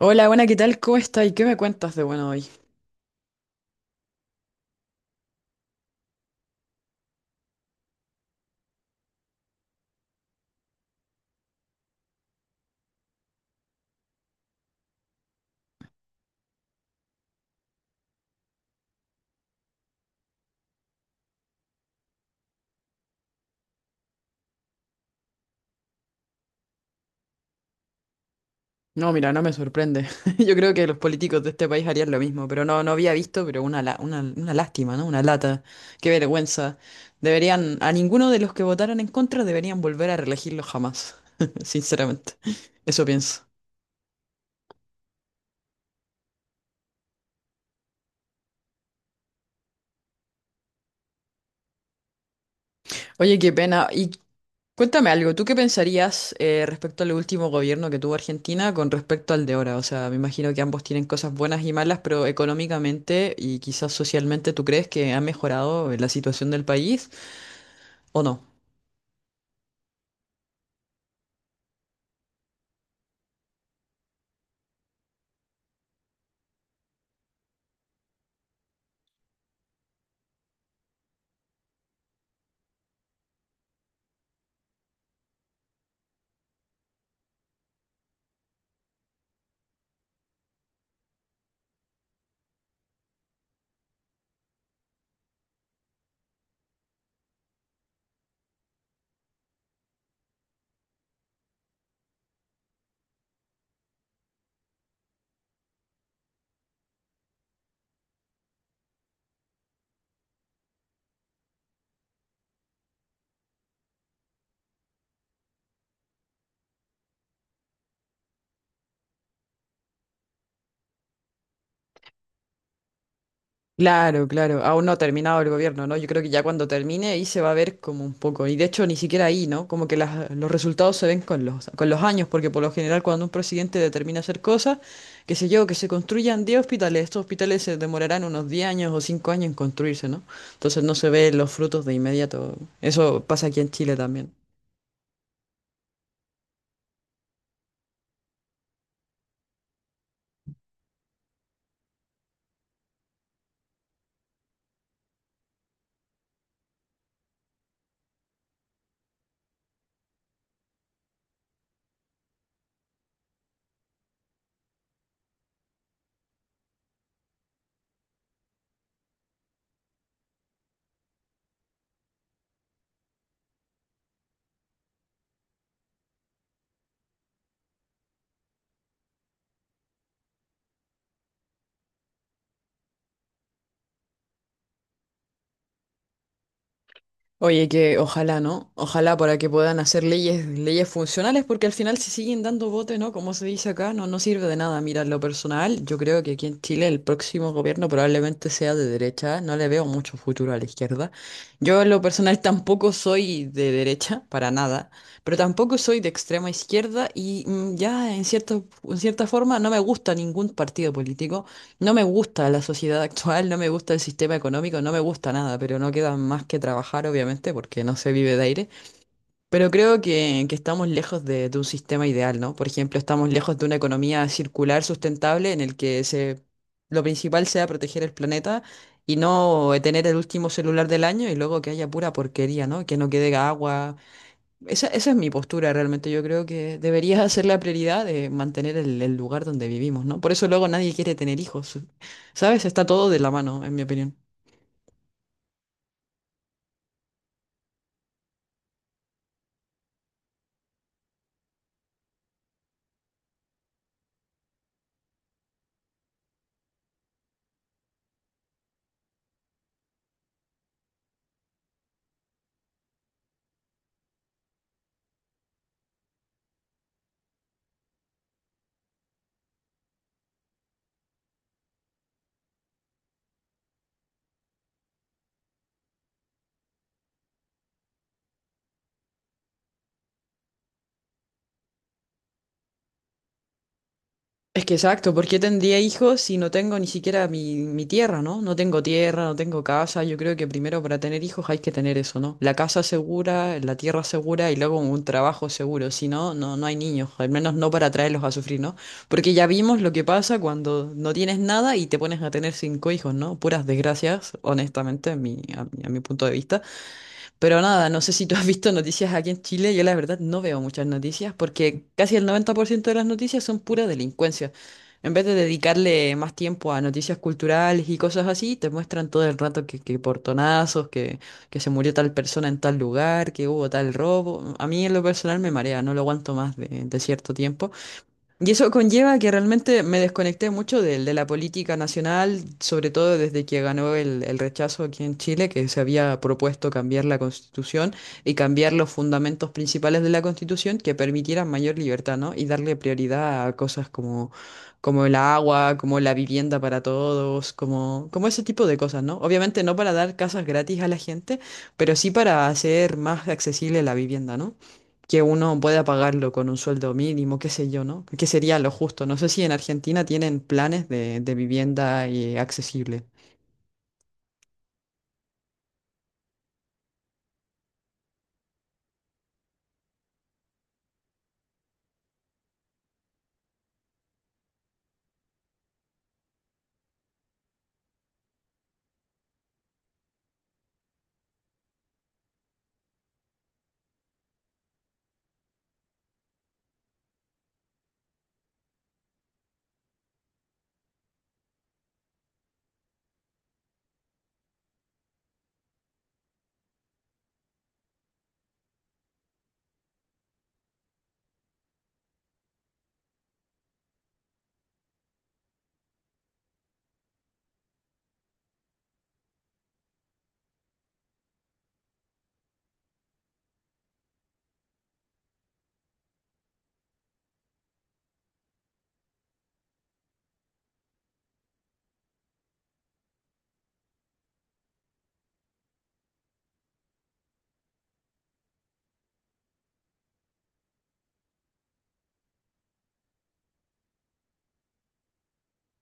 Hola, buena, ¿qué tal? ¿Cómo estás? ¿Y qué me cuentas de bueno hoy? No, mira, no me sorprende. Yo creo que los políticos de este país harían lo mismo, pero no, no había visto, pero una lástima, ¿no? Una lata. Qué vergüenza. Deberían, a ninguno de los que votaron en contra deberían volver a reelegirlo jamás, sinceramente. Eso pienso. Oye, qué pena. Cuéntame algo. ¿Tú qué pensarías respecto al último gobierno que tuvo Argentina con respecto al de ahora? O sea, me imagino que ambos tienen cosas buenas y malas, pero económicamente y quizás socialmente, ¿tú crees que ha mejorado la situación del país o no? Claro, claro, aún no ha terminado el gobierno, ¿no? Yo creo que ya cuando termine ahí se va a ver como un poco, y de hecho ni siquiera ahí, ¿no? Como que los resultados se ven con los años, porque por lo general cuando un presidente determina hacer cosas, qué sé yo, que se construyan 10 hospitales, estos hospitales se demorarán unos 10 años o 5 años en construirse, ¿no? Entonces no se ven los frutos de inmediato. Eso pasa aquí en Chile también. Oye, que ojalá, ¿no? Ojalá para que puedan hacer leyes, leyes funcionales, porque al final si siguen dando bote, ¿no? Como se dice acá, no, no sirve de nada. Mira, en lo personal, yo creo que aquí en Chile el próximo gobierno probablemente sea de derecha. No le veo mucho futuro a la izquierda. Yo en lo personal tampoco soy de derecha, para nada, pero tampoco soy de extrema izquierda y ya en cierta forma no me gusta ningún partido político. No me gusta la sociedad actual, no me gusta el sistema económico, no me gusta nada, pero no queda más que trabajar, obviamente, porque no se vive de aire. Pero creo que estamos lejos de un sistema ideal, ¿no? Por ejemplo, estamos lejos de una economía circular sustentable en el que lo principal sea proteger el planeta y no tener el último celular del año y luego que haya pura porquería, ¿no? Que no quede agua, esa es mi postura realmente. Yo creo que deberías hacer la prioridad de mantener el lugar donde vivimos, ¿no? Por eso luego nadie quiere tener hijos, ¿sabes? Está todo de la mano, en mi opinión. Es que exacto, ¿por qué tendría hijos si no tengo ni siquiera mi tierra, ¿no? No tengo tierra, no tengo casa. Yo creo que primero para tener hijos hay que tener eso, ¿no? La casa segura, la tierra segura y luego un trabajo seguro. Si no, no, no hay niños, al menos no para traerlos a sufrir, ¿no? Porque ya vimos lo que pasa cuando no tienes nada y te pones a tener cinco hijos, ¿no? Puras desgracias, honestamente, a mi punto de vista. Pero nada, no sé si tú has visto noticias aquí en Chile. Yo la verdad no veo muchas noticias porque casi el 90% de las noticias son pura delincuencia. En vez de dedicarle más tiempo a noticias culturales y cosas así, te muestran todo el rato que portonazos, que se murió tal persona en tal lugar, que hubo tal robo. A mí en lo personal me marea, no lo aguanto más de cierto tiempo. Y eso conlleva que realmente me desconecté mucho de la política nacional, sobre todo desde que ganó el rechazo aquí en Chile, que se había propuesto cambiar la Constitución y cambiar los fundamentos principales de la Constitución que permitieran mayor libertad, ¿no? Y darle prioridad a cosas como, como el agua, como la vivienda para todos, como, como ese tipo de cosas, ¿no? Obviamente no para dar casas gratis a la gente, pero sí para hacer más accesible la vivienda, ¿no? Que uno pueda pagarlo con un sueldo mínimo, qué sé yo, ¿no? Que sería lo justo. No sé si en Argentina tienen planes de vivienda accesible.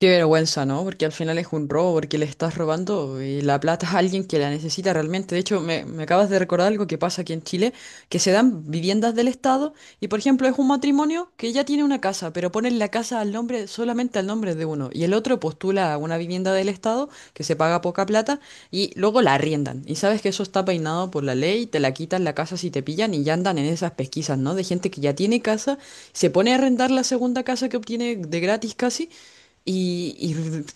Qué vergüenza, ¿no? Porque al final es un robo, porque le estás robando y la plata a alguien que la necesita realmente. De hecho, me acabas de recordar algo que pasa aquí en Chile, que se dan viviendas del Estado y, por ejemplo, es un matrimonio que ya tiene una casa, pero ponen la casa al nombre, solamente al nombre de uno, y el otro postula a una vivienda del Estado que se paga poca plata y luego la arriendan. Y sabes que eso está peinado por la ley, te la quitan la casa si te pillan y ya andan en esas pesquisas, ¿no? De gente que ya tiene casa, se pone a arrendar la segunda casa que obtiene de gratis casi. Y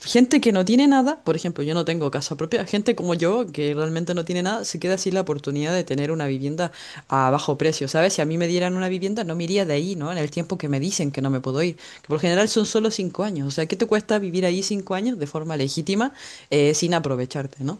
gente que no tiene nada, por ejemplo, yo no tengo casa propia, gente como yo que realmente no tiene nada, se queda sin la oportunidad de tener una vivienda a bajo precio, ¿sabes? Si a mí me dieran una vivienda, no me iría de ahí, ¿no? En el tiempo que me dicen que no me puedo ir, que por lo general son solo 5 años, o sea, ¿qué te cuesta vivir ahí 5 años de forma legítima sin aprovecharte, ¿no?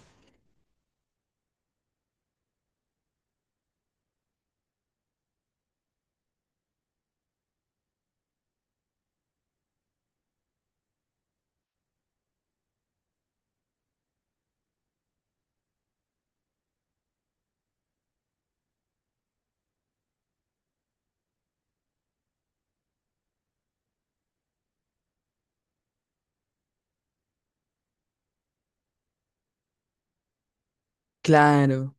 Claro.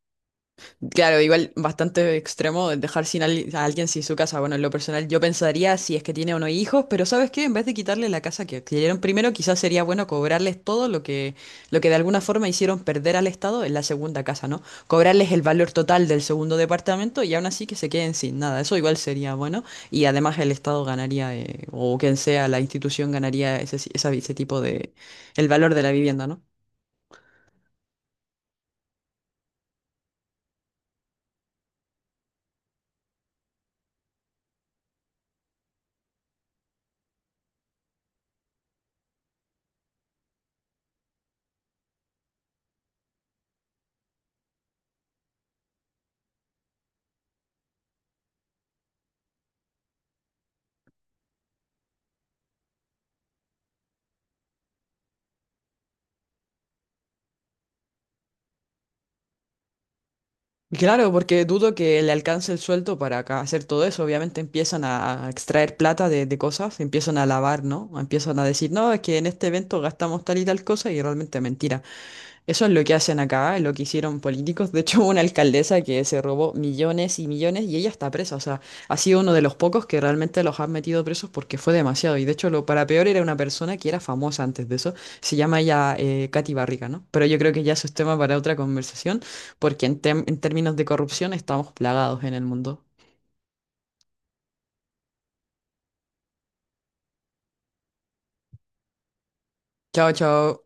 Claro, igual bastante extremo el dejar sin a alguien sin su casa. Bueno, en lo personal yo pensaría si es que tiene o no hijos, pero ¿sabes qué? En vez de quitarle la casa que adquirieron primero, quizás sería bueno cobrarles todo lo que de alguna forma hicieron perder al Estado en la segunda casa, ¿no? Cobrarles el valor total del segundo departamento y aún así que se queden sin nada. Eso igual sería bueno y además el Estado ganaría, o quien sea la institución ganaría ese, esa- ese tipo de, el valor de la vivienda, ¿no? Claro, porque dudo que le alcance el sueldo para hacer todo eso. Obviamente empiezan a extraer plata de cosas, empiezan a lavar, ¿no? Empiezan a decir, no, es que en este evento gastamos tal y tal cosa y realmente mentira. Eso es lo que hacen acá, lo que hicieron políticos. De hecho, hubo una alcaldesa que se robó millones y millones y ella está presa. O sea, ha sido uno de los pocos que realmente los han metido presos porque fue demasiado. Y de hecho, lo para peor era una persona que era famosa antes de eso. Se llama ella Katy Barriga, ¿no? Pero yo creo que ya eso es tema para otra conversación porque en, en términos de corrupción estamos plagados en el mundo. Chao, chao.